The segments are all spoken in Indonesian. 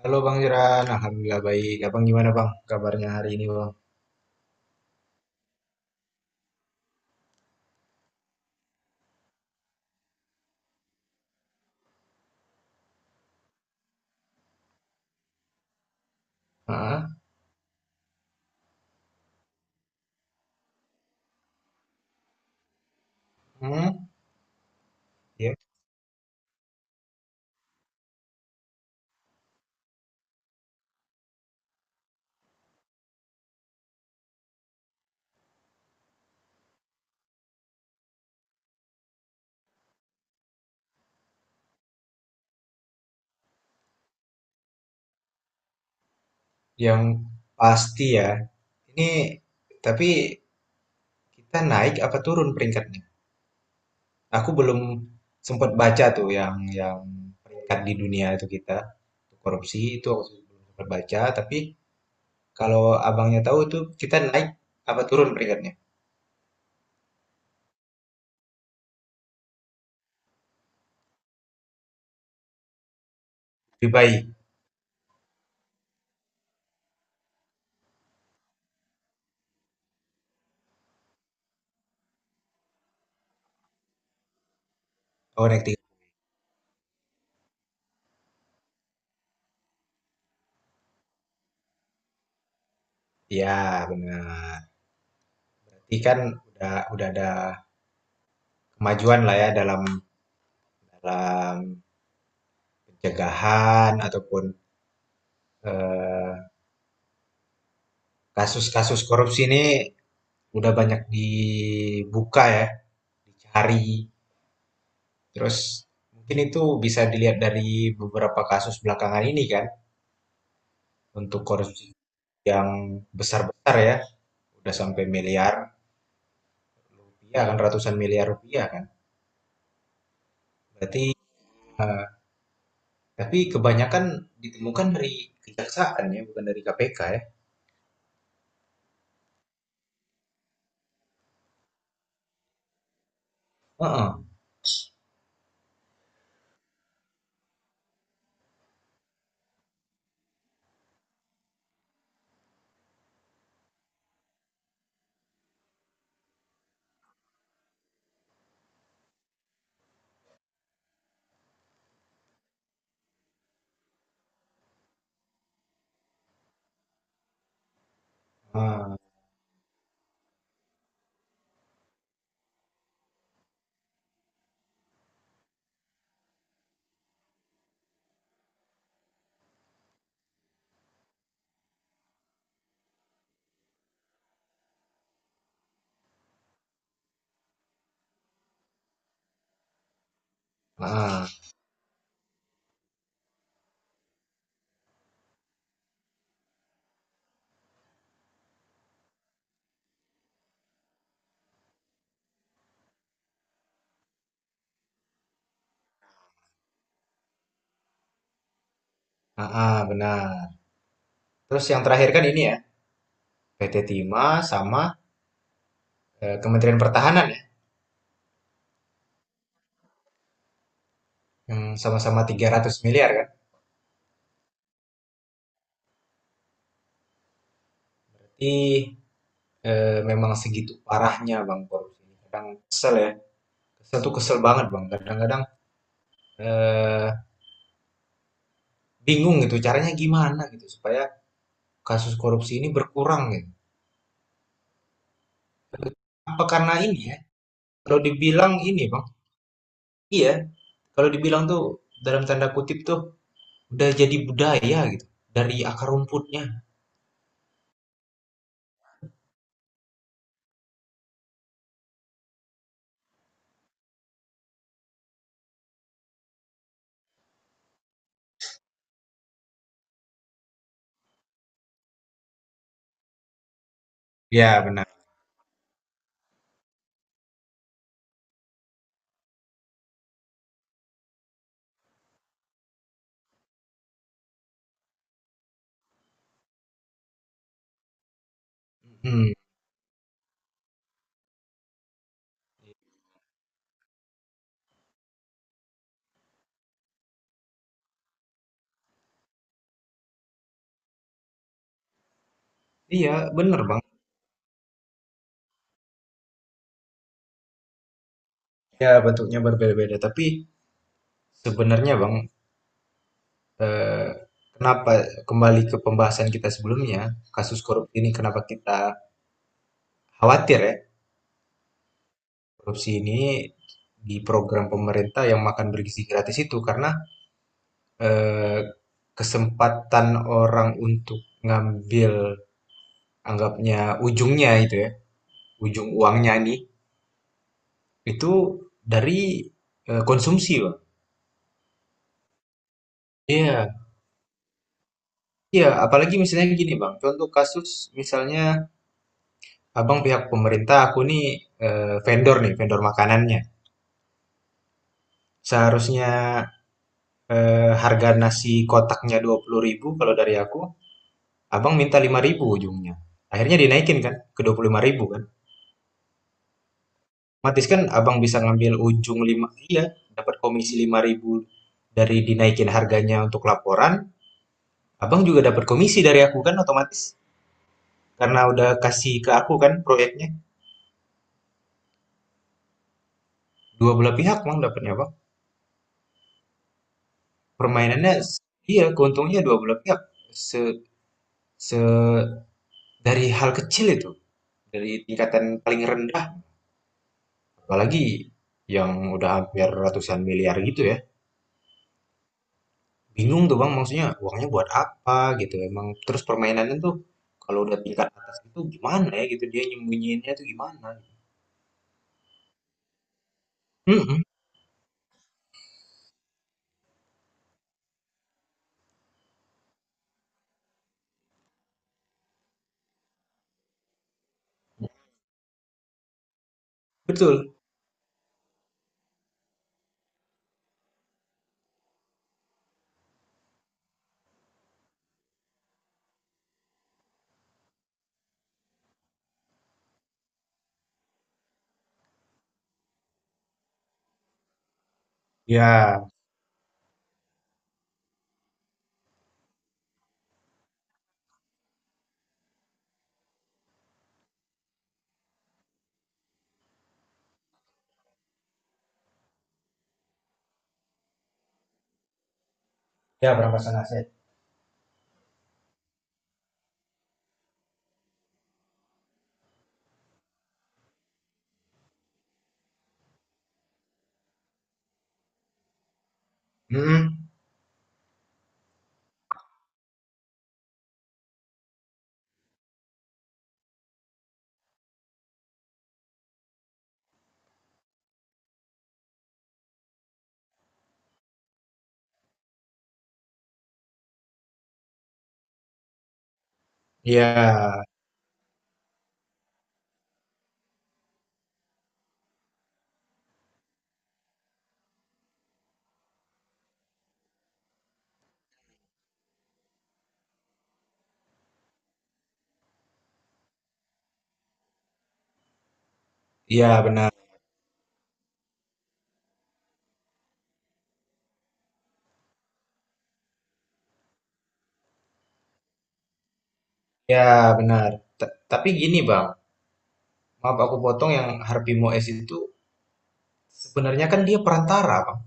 Halo Bang Jeran, Alhamdulillah baik. Abang gimana Bang kabarnya hari ini Bang? Hah? Hmm, ya. Yang pasti ya, ini tapi kita naik apa turun peringkatnya? Aku belum sempat baca tuh yang peringkat di dunia itu kita korupsi itu aku belum sempat baca. Tapi kalau abangnya tahu itu kita naik apa turun peringkatnya? Lebih baik. Oh naik tiga. Ya benar. Berarti kan udah ada kemajuan lah ya dalam dalam pencegahan ataupun eh, kasus-kasus korupsi ini udah banyak dibuka ya, dicari. Terus mungkin itu bisa dilihat dari beberapa kasus belakangan ini kan, untuk korupsi yang besar-besar ya, udah sampai miliar rupiah kan, ratusan miliar rupiah kan. Berarti eh, tapi kebanyakan ditemukan dari kejaksaan ya, bukan dari KPK ya. Heeh. Ah, ah, ah, benar. Terus yang terakhir kan ini ya, PT Timah sama Kementerian Pertahanan ya, yang sama-sama 300 miliar kan. Jadi memang segitu parahnya Bang korupsi. Kadang kesel ya, kesel tuh kesel banget Bang. Kadang-kadang eh, bingung gitu caranya gimana gitu supaya kasus korupsi ini berkurang gitu. Apa karena ini ya? Kalau dibilang ini Bang, iya. Kalau dibilang tuh dalam tanda kutip tuh udah jadi budaya gitu dari akar rumputnya. Ya benar. Hmm, iya benar Bang. Ya bentuknya berbeda-beda tapi sebenarnya Bang, eh, kenapa kembali ke pembahasan kita sebelumnya, kasus korupsi ini kenapa kita khawatir ya, korupsi ini di program pemerintah yang makan bergizi gratis itu karena eh, kesempatan orang untuk ngambil anggapnya ujungnya itu ya, ujung uangnya nih itu dari konsumsi, Bang. Iya, iya, apalagi misalnya gini, Bang. Contoh kasus misalnya abang pihak pemerintah, aku nih vendor nih, vendor makanannya. Seharusnya, harga nasi kotaknya dua puluh ribu kalau dari aku, Abang minta lima ribu ujungnya. Akhirnya dinaikin kan ke dua puluh lima ribu kan. Otomatis kan Abang bisa ngambil ujung lima iya, dapat komisi lima ribu dari dinaikin harganya untuk laporan, Abang juga dapat komisi dari aku kan otomatis. Karena udah kasih ke aku kan proyeknya. Dua belah pihak Bang dapatnya Bang. Permainannya iya, keuntungnya dua belah pihak. Se se dari hal kecil itu, dari tingkatan paling rendah. Apalagi yang udah hampir ratusan miliar gitu ya. Bingung tuh Bang, maksudnya uangnya buat apa gitu. Emang terus permainannya tuh kalau udah tingkat atas itu gimana ya gitu dia nyembunyiinnya tuh gimana. Mm-mm, betul. Ya, ya perampasan aset. Mm-mm, ya, ya benar. Ya benar. Ta- tapi gini Bang, maaf aku potong yang Harvey Moes itu sebenarnya kan dia perantara Bang.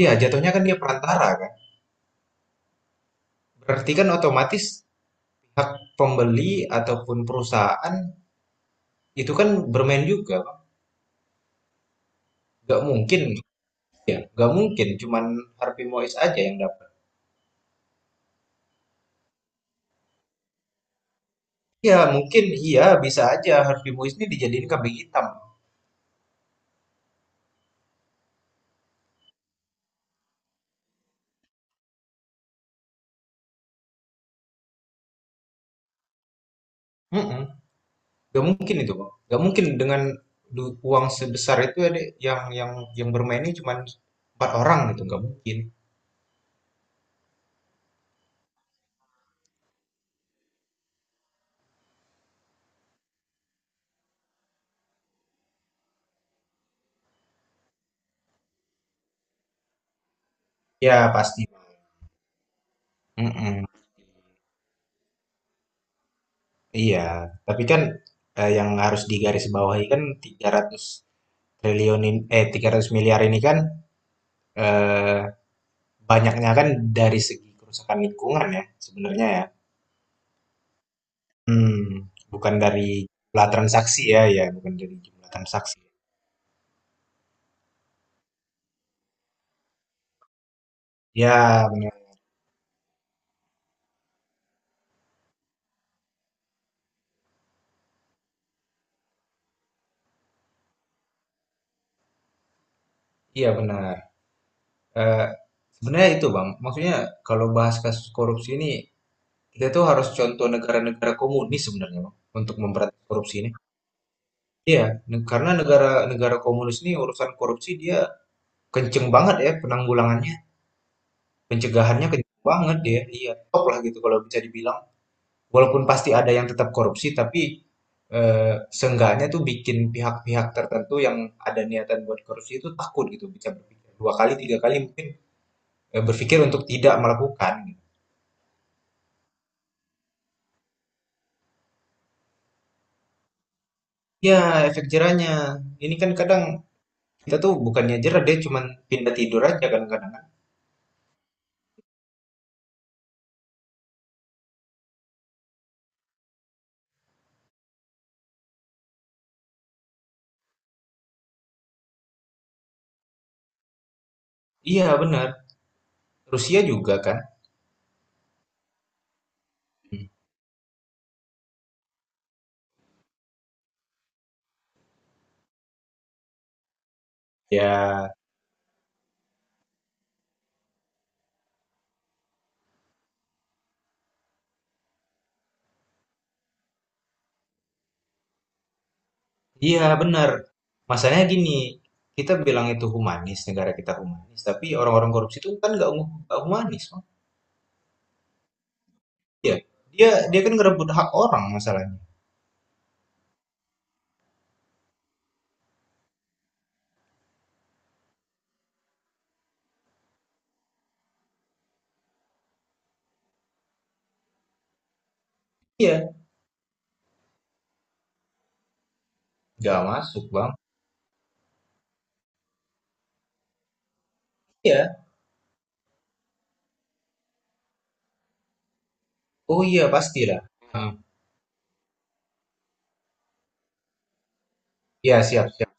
Iya, jatuhnya kan dia perantara kan. Berarti kan otomatis pihak pembeli ataupun perusahaan itu kan bermain juga, Bang. Nggak mungkin, ya. Nggak mungkin cuman Harvey Mois aja yang dapat. Ya, mungkin iya bisa aja Harvey Mois ini dijadiin kambing hitam. Mm-mm. Nggak mungkin itu, Bang. Nggak mungkin dengan du- uang sebesar itu ya, yang yang yang bermainnya cuman empat orang gitu, nggak mungkin. Ya, pasti. Mm-mm. Iya, tapi kan yang harus digarisbawahi kan 300 triliun ini, eh 300 miliar ini kan eh banyaknya kan dari segi kerusakan lingkungan ya, sebenarnya ya. Hmm, bukan dari jumlah transaksi ya, ya bukan dari jumlah transaksi. Ya, benar. Iya benar. Eee, sebenarnya itu Bang, maksudnya kalau bahas kasus korupsi ini, kita tuh harus contoh negara-negara komunis sebenarnya Bang, untuk memberantas korupsi ini. Iya, ne karena negara-negara komunis ini urusan korupsi dia kenceng banget ya penanggulangannya, pencegahannya kenceng banget dia, iya, top lah gitu kalau bisa dibilang. Walaupun pasti ada yang tetap korupsi, tapi seenggaknya tuh bikin pihak-pihak tertentu yang ada niatan buat korupsi itu takut gitu, bisa berpikir dua kali, tiga kali mungkin berpikir untuk tidak melakukan. Gitu. Ya, efek jerahnya. Ini kan kadang kita tuh bukannya jerah, dia cuman pindah tidur aja kan kadang. Iya, benar. Rusia juga kan. Hmm. Ya, iya benar. Masalahnya gini, kita bilang itu humanis, negara kita humanis, tapi orang-orang korupsi itu kan nggak humanis. Iya, dia dia kan ngerebut hak orang masalahnya. Iya, nggak masuk bang. Iya, oh iya pastilah. Hmm. Iya siap siap.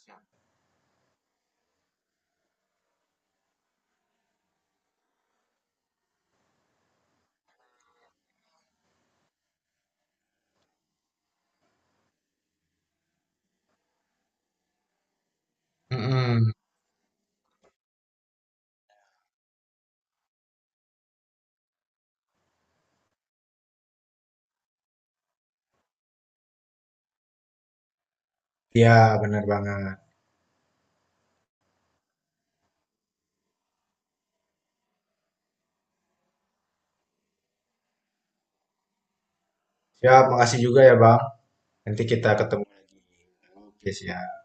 Mm-mm. Iya benar banget. Siap, makasih juga ya bang. Nanti kita ketemu lagi ya.